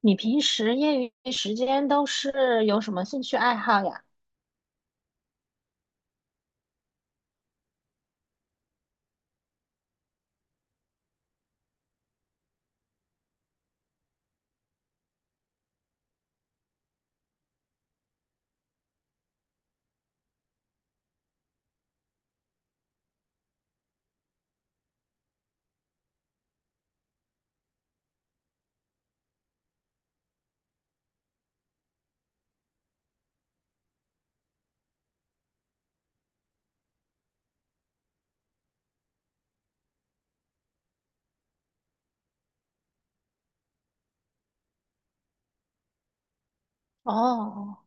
你平时业余时间都是有什么兴趣爱好呀？哦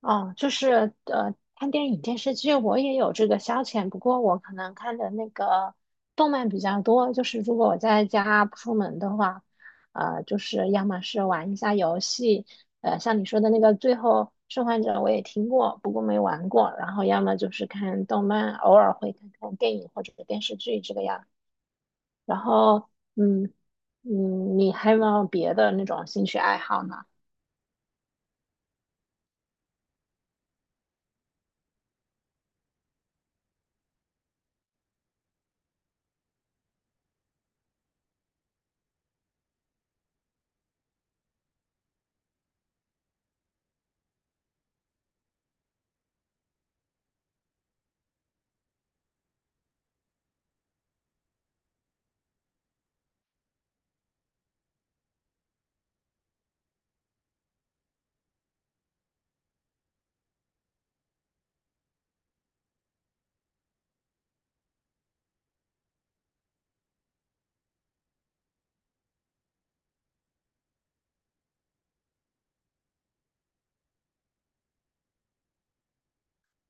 哦，就是看电影、电视剧，我也有这个消遣，不过我可能看的那个动漫比较多。就是如果我在家不出门的话，就是要么是玩一下游戏，像你说的那个《最后生还者》，我也听过，不过没玩过。然后要么就是看动漫，偶尔会看看电影或者是电视剧这个样。然后，嗯嗯，你还有没有别的那种兴趣爱好呢？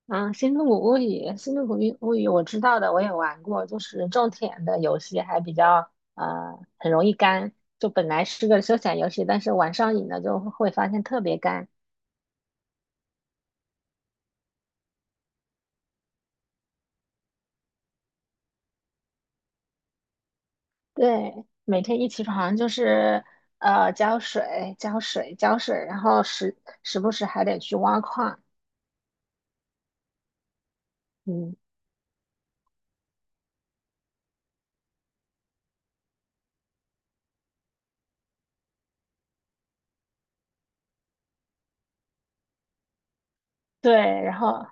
嗯，《星露谷物语》《星露谷物语》我知道的，我也玩过，就是种田的游戏，还比较很容易干。就本来是个休闲游戏，但是玩上瘾了就会发现特别干。对，每天一起床就是浇水、浇水、浇水，然后时不时还得去挖矿。嗯，对，然后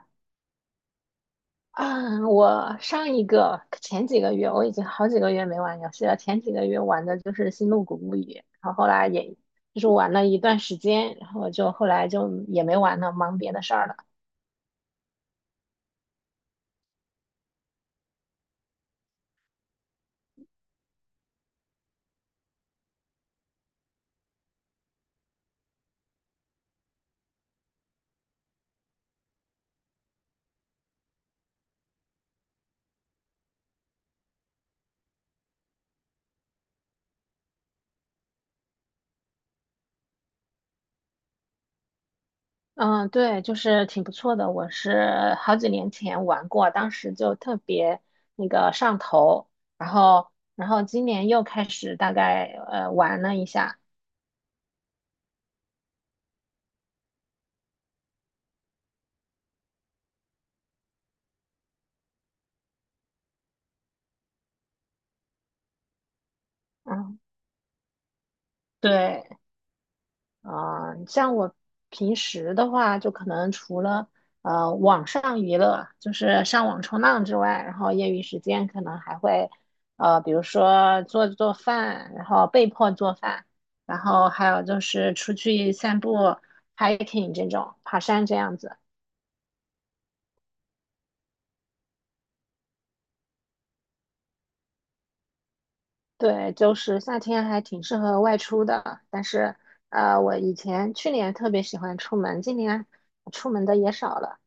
啊，我上一个前几个月，我已经好几个月没玩游戏了。前几个月玩的就是《星露谷物语》，然后后来也就是玩了一段时间，然后我就后来就也没玩了，忙别的事儿了。嗯，对，就是挺不错的。我是好几年前玩过，当时就特别那个上头，然后然后今年又开始大概玩了一下。嗯，对，啊、像我平时的话，就可能除了网上娱乐，就是上网冲浪之外，然后业余时间可能还会比如说做做饭，然后被迫做饭，然后还有就是出去散步、hiking 这种爬山这样子。对，就是夏天还挺适合外出的，但是我以前去年特别喜欢出门，今年出门的也少了。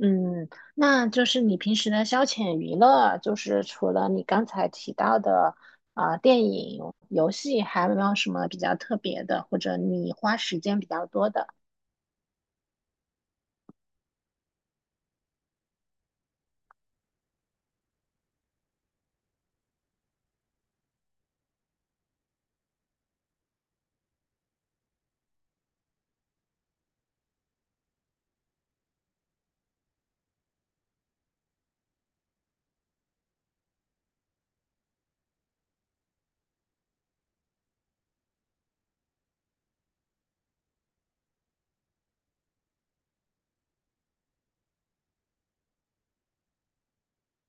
嗯，那就是你平时的消遣娱乐，就是除了你刚才提到的啊、电影、游戏，还有没有什么比较特别的，或者你花时间比较多的？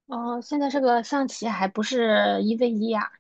哦，现在这个象棋还不是一 v 一啊？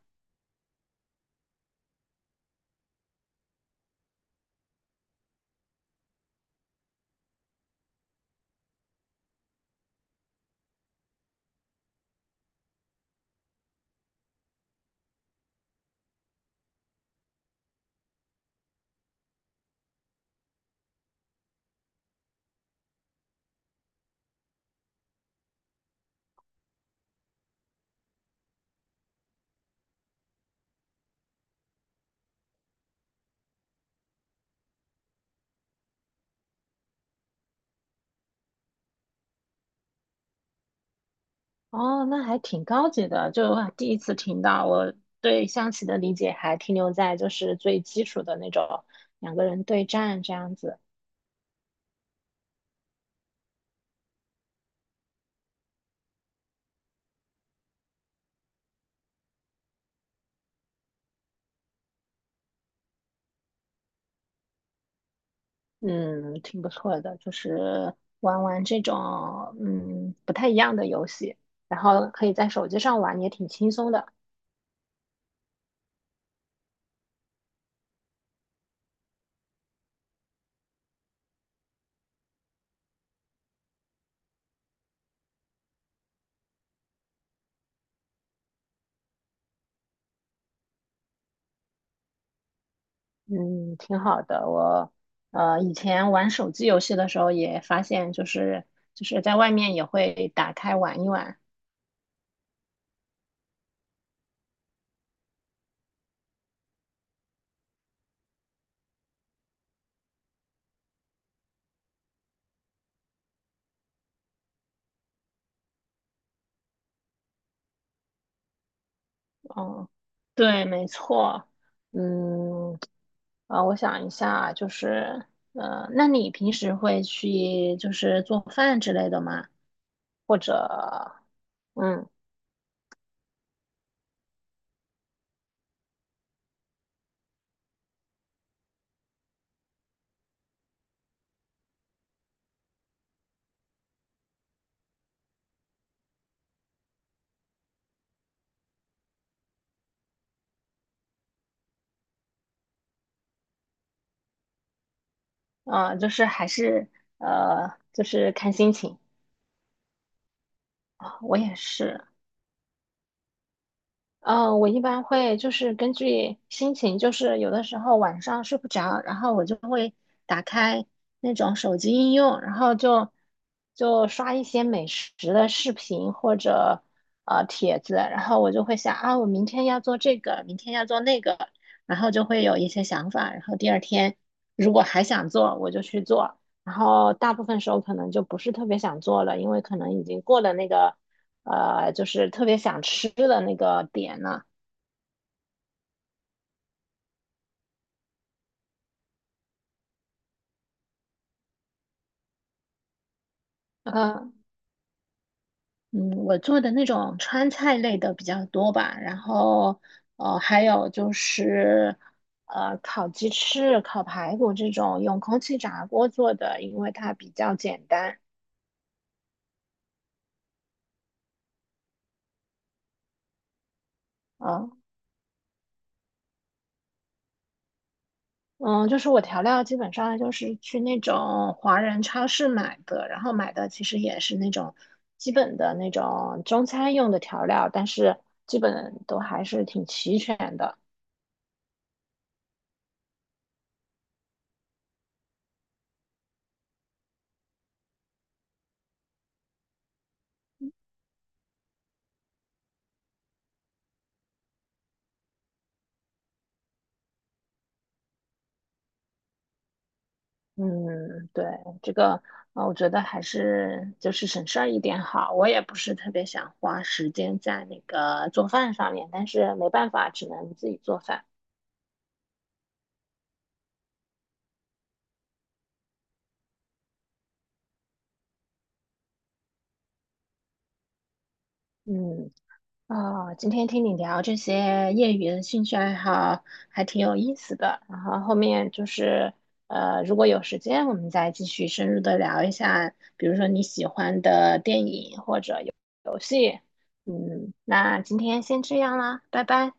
哦，那还挺高级的，就第一次听到。我对象棋的理解还停留在就是最基础的那种两个人对战这样子。嗯，挺不错的，就是玩玩这种不太一样的游戏，然后可以在手机上玩，也挺轻松的，嗯，挺好的。我以前玩手机游戏的时候也发现，就是就是在外面也会打开玩一玩。嗯，对，没错。嗯，啊，我想一下，就是那你平时会去就是做饭之类的吗？或者嗯。嗯，就是还是就是看心情。我也是，嗯，我一般会就是根据心情，就是有的时候晚上睡不着，然后我就会打开那种手机应用，然后就就刷一些美食的视频或者帖子，然后我就会想啊，我明天要做这个，明天要做那个，然后就会有一些想法，然后第二天如果还想做，我就去做，然后大部分时候可能就不是特别想做了，因为可能已经过了那个。就是特别想吃的那个点呢。呃，嗯，我做的那种川菜类的比较多吧，然后还有就是烤鸡翅、烤排骨这种用空气炸锅做的，因为它比较简单。啊，嗯，就是我调料基本上就是去那种华人超市买的，然后买的其实也是那种基本的那种中餐用的调料，但是基本都还是挺齐全的。嗯，对，这个，啊，我觉得还是就是省事儿一点好。我也不是特别想花时间在那个做饭上面，但是没办法，只能自己做饭。嗯，啊、今天听你聊这些业余的兴趣爱好，还挺有意思的。然后后面就是，如果有时间，我们再继续深入的聊一下，比如说你喜欢的电影或，嗯，那今天先这样啦，拜拜。